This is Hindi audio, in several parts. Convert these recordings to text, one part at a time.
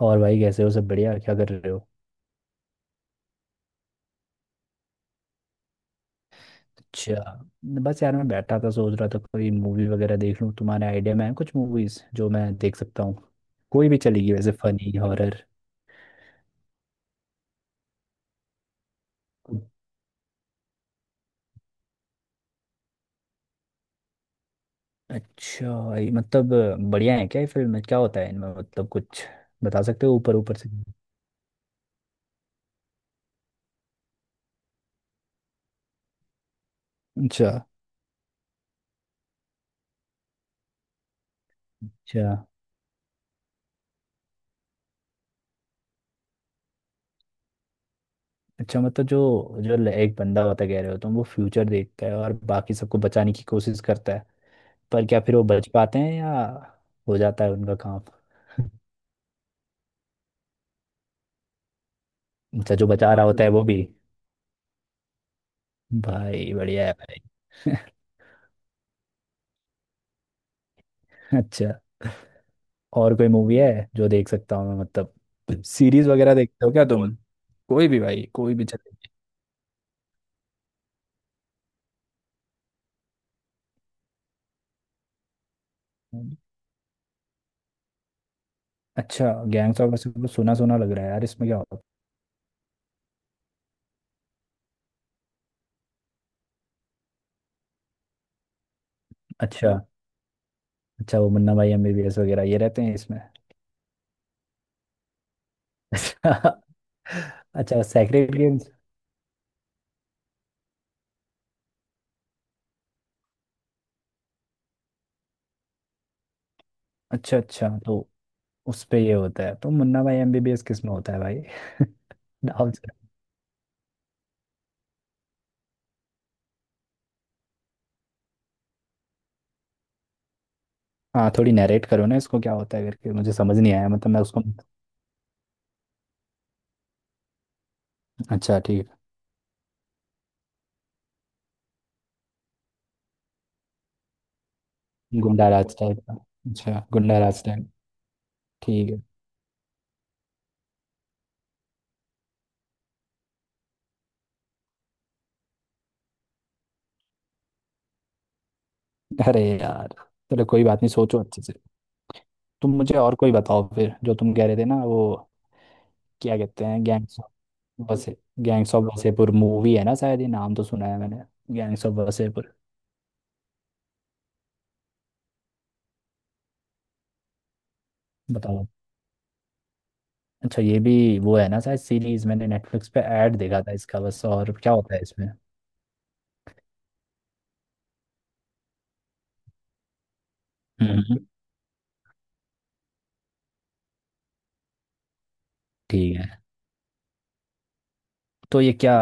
और भाई, कैसे हो? सब बढ़िया? क्या कर रहे हो? अच्छा। बस यार, मैं बैठा था, सोच रहा था कोई मूवी वगैरह देख लूँ। तुम्हारे आइडिया में है कुछ मूवीज जो मैं देख सकता हूँ? कोई भी चलेगी, वैसे फनी, हॉरर। अच्छा, ये मतलब बढ़िया है क्या? ये फिल्म क्या होता है इनमें, मतलब कुछ बता सकते हो ऊपर ऊपर से? अच्छा। अच्छा। अच्छा, मतलब जो जो ल- एक बंदा होता, कह रहे हो तुम वो फ्यूचर देखता है और बाकी सबको बचाने की कोशिश करता है। पर क्या फिर वो बच पाते हैं, या हो जाता है उनका काम? अच्छा, जो बचा रहा, और होता है वो भी? भाई बढ़िया है भाई। अच्छा, और कोई मूवी है जो देख सकता हूँ मैं, मतलब सीरीज वगैरह देखते हो क्या तुम? कोई भी भाई, कोई भी चलेगी। अच्छा, गैंग्स ऑफ वासेपुर, सुना सुना लग रहा है यार, इसमें क्या होता? अच्छा। अच्छा, वो मुन्ना भाई एमबीबीएस वगैरह ये रहते हैं इसमें? अच्छा। अच्छा सेक्रेट गेम्स। अच्छा। अच्छा तो उस पे ये होता है, तो मुन्ना भाई एमबीबीएस किस में होता है भाई? नाम से- हाँ, थोड़ी नरेट करो ना इसको, क्या होता है करके, मुझे समझ नहीं आया मतलब, मैं उसको। अच्छा ठीक है, गुंडा राज टाइप का। अच्छा, गुंडा राज टाइप। ठीक है। अरे यार, चलो कोई बात नहीं, सोचो अच्छे से। तुम मुझे और कोई बताओ फिर, जो तुम कह रहे थे ना वो, क्या कहते हैं, वसे गैंग्स ऑफ वसेपुर मूवी है ना शायद, ये नाम तो सुना है मैंने, गैंग्स ऑफ वसेपुर बताओ। अच्छा, ये भी वो है ना शायद, सीरीज। मैंने नेटफ्लिक्स पे ऐड देखा था इसका बस, और क्या होता है इसमें? हम्म, ठीक है। तो ये क्या?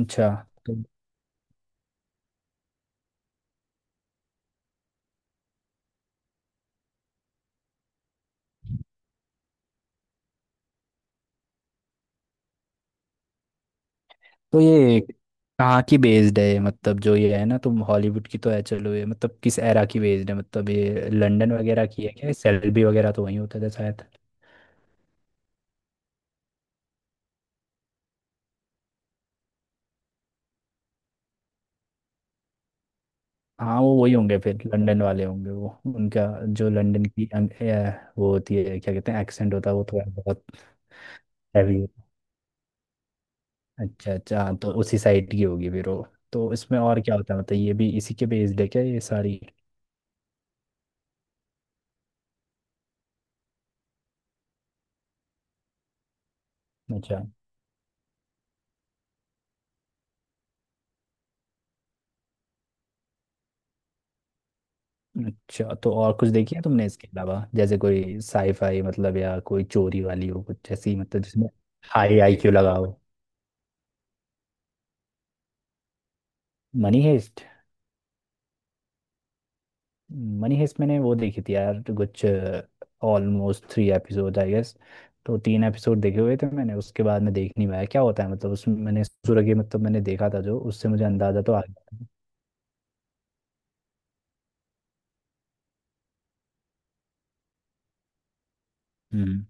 अच्छा तो तो ये कहाँ की बेस्ड है ये? मतलब जो ये है ना, तुम हॉलीवुड की तो है, चलो ये मतलब किस एरा की बेस्ड है, मतलब ये लंदन वगैरह की है क्या, सेल्बी वगैरह तो वहीं होता था शायद। हाँ, वो वही होंगे फिर, लंदन वाले होंगे वो। उनका जो लंदन की वो होती है, क्या कहते हैं एक्सेंट होता है वो थोड़ा बहुत, हैवी। अच्छा अच्छा, हाँ तो उसी साइड की होगी फिर वो। तो इसमें और क्या होता है, मतलब ये भी इसी के बेस्ड है क्या ये सारी? अच्छा। अच्छा तो और कुछ देखी है तुमने इसके अलावा, जैसे कोई साईफाई मतलब, या कोई चोरी वाली हो कुछ ऐसी मतलब, जिसमें हाई आईक्यू लगा हो। Money Heist. मनी हेस्ट मैंने वो देखी थी यार, कुछ almost three episode I guess. तो तीन एपिसोड देखे हुए थे मैंने, उसके बाद में देख नहीं पाया क्या होता है मतलब उसमें, मैंने सूरज मतलब, मैंने देखा था जो, उससे मुझे अंदाजा तो आ गया था। हम्म,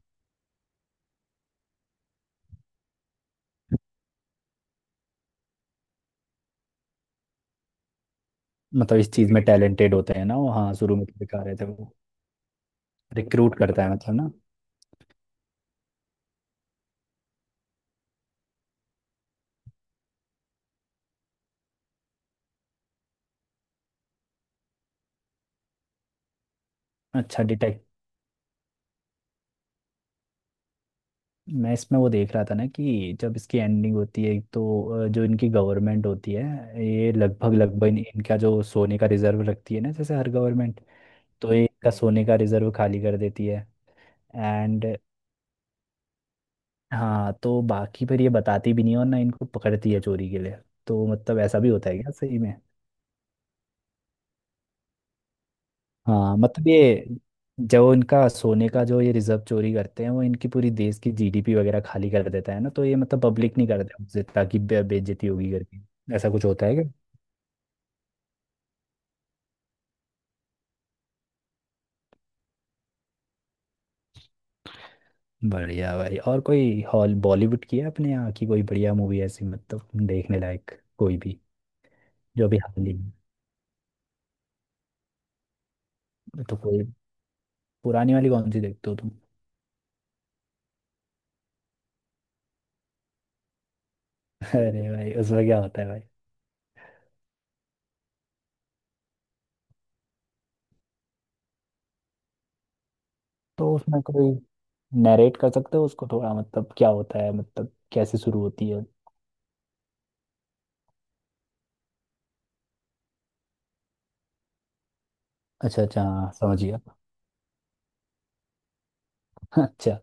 मतलब इस चीज में टैलेंटेड होते हैं ना वो? हाँ, शुरू में तो दिखा रहे थे वो। रिक्रूट करता है मतलब ना? अच्छा, मैं इसमें वो देख रहा था ना कि जब इसकी एंडिंग होती है एक तो जो इनकी गवर्नमेंट होती है, ये लगभग लगभग इनका जो सोने का रिजर्व रखती है ना, जैसे हर गवर्नमेंट। तो ये इनका सोने का रिजर्व खाली कर देती है। एंड, हाँ तो बाकी फिर ये बताती भी नहीं है और ना इनको पकड़ती है चोरी के लिए, तो मतलब ऐसा भी होता है क्या सही में? हाँ मतलब, ये जो इनका सोने का जो ये रिजर्व चोरी करते हैं, वो इनकी पूरी देश की जीडीपी वगैरह खाली कर देता है ना, तो ये मतलब पब्लिक नहीं करते उससे, ताकि बेइज्जती होगी करके। ऐसा कुछ होता है क्या? बढ़िया भाई, और कोई हॉल बॉलीवुड की है अपने यहाँ की कोई बढ़िया मूवी ऐसी, मतलब देखने लायक? कोई भी, जो भी हाल ही में तो कोई, पुरानी वाली कौन सी देखते हो तुम? अरे भाई, उसमें क्या होता है भाई? तो उसमें कोई नरेट कर सकते हो उसको थोड़ा, मतलब क्या होता है, मतलब कैसे शुरू होती है? अच्छा अच्छा, हाँ समझ गया। अच्छा।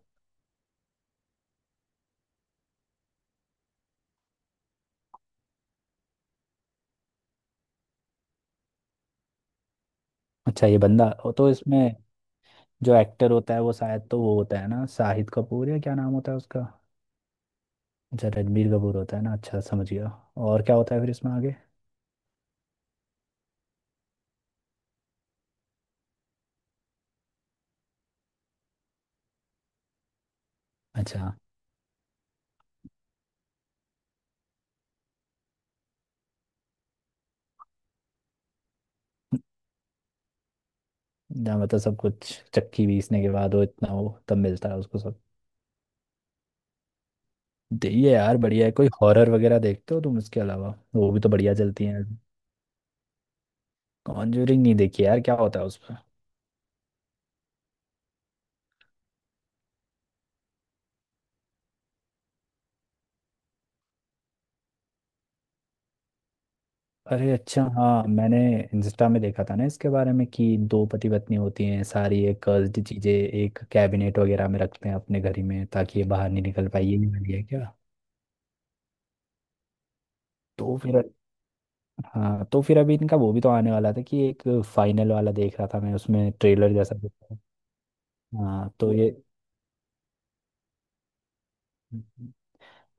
अच्छा, ये बंदा तो इसमें जो एक्टर होता है वो शायद, तो वो होता है ना शाहिद कपूर, या क्या नाम होता है उसका? अच्छा, रणबीर कपूर होता है ना। अच्छा, समझ गया। और क्या होता है फिर इसमें आगे? अच्छा, जहाँ मतलब सब कुछ चक्की पीसने के बाद वो, इतना वो तब मिलता है उसको सब? ये यार बढ़िया है, कोई हॉरर वगैरह देखते हो तुम इसके अलावा, वो भी तो बढ़िया चलती है। कॉन्जूरिंग नहीं देखी यार, क्या होता है उस पर? अरे अच्छा हाँ, मैंने इंस्टा में देखा था ना इसके बारे में कि दो पति पत्नी होती हैं, सारी ये कर्स्ड चीजें एक कैबिनेट वगैरह में रखते हैं अपने घर ही में, ताकि ये बाहर नहीं निकल पाए, ये नहीं वाली है क्या? तो फिर, हाँ तो फिर अभी इनका वो भी तो आने वाला था कि एक, फाइनल वाला देख रहा था मैं उसमें, ट्रेलर जैसा देखा। हाँ तो ये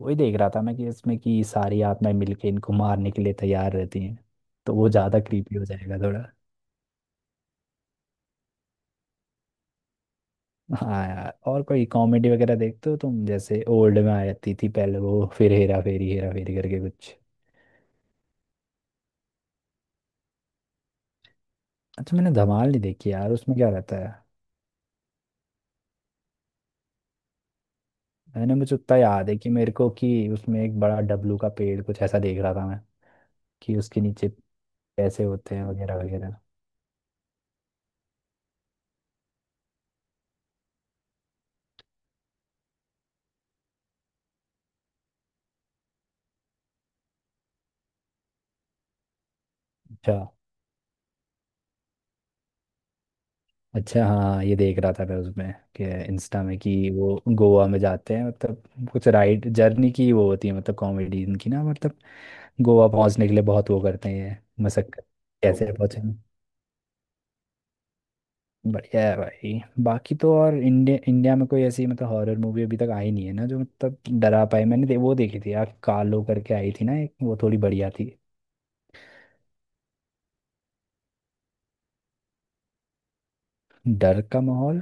वही देख रहा था मैं कि इसमें कि सारी आत्माएं मिलके इनको मारने के लिए तैयार रहती हैं, तो वो ज्यादा क्रीपी हो जाएगा थोड़ा। हाँ यार, और कोई कॉमेडी वगैरह देखते हो तुम, जैसे ओल्ड में आती थी पहले वो, फिर हेरा फेरी करके कुछ? अच्छा, मैंने धमाल नहीं देखी यार, उसमें क्या रहता है? मैंने मुझे उतना याद है कि मेरे को कि उसमें एक बड़ा डब्लू का पेड़, कुछ ऐसा देख रहा था मैं कि उसके नीचे पैसे होते हैं वगैरह वगैरह। अच्छा अच्छा हाँ, ये देख रहा था मैं उसमें कि, इंस्टा में कि वो गोवा में जाते हैं मतलब, कुछ राइड जर्नी की वो होती है, मतलब कॉमेडी इनकी ना मतलब गोवा पहुंचने के लिए बहुत वो करते हैं मशक्कत, कैसे पहुंचे। बढ़िया है भाई, बाकी तो और इंडिया इंडिया में कोई ऐसी मतलब हॉरर मूवी अभी तक आई नहीं है ना जो मतलब डरा पाए? मैंने वो देखी थी यार, कालो करके आई थी ना एक, वो थोड़ी बढ़िया थी। डर का माहौल?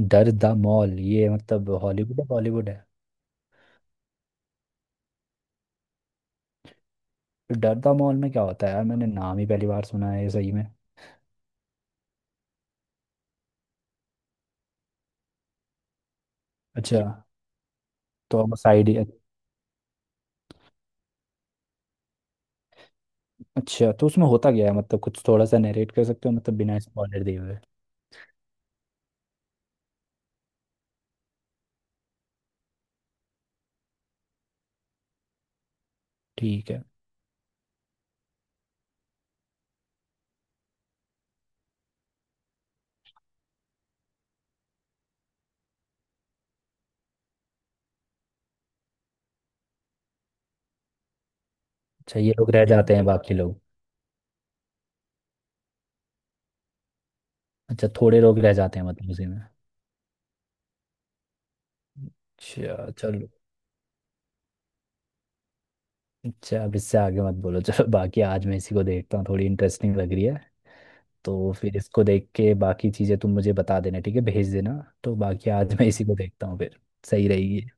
डर द मॉल, ये मतलब हॉलीवुड है, बॉलीवुड है? तो डर द मॉल में क्या होता है यार, मैंने नाम ही पहली बार सुना है ये सही में। अच्छा, तो अब साइड। अच्छा तो उसमें होता क्या है, मतलब कुछ थोड़ा सा नरेट कर सकते हो मतलब बिना स्पॉइलर दिए हुए? ठीक है। अच्छा, ये लोग रह जाते हैं बाकी लोग? अच्छा, थोड़े लोग रह जाते हैं मतलब उसी में? अच्छा चलो। अच्छा, अब इससे आगे मत बोलो, चलो बाकी आज मैं इसी को देखता हूँ, थोड़ी इंटरेस्टिंग लग रही है। तो फिर इसको देख के बाकी चीज़ें तुम मुझे बता देना, ठीक है, भेज देना। तो बाकी आज मैं इसी को देखता हूँ फिर। सही रहेगी।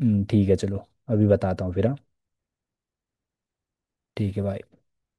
ठीक है चलो। अभी बताता हूँ फिर, हाँ। ठीक है, बाय।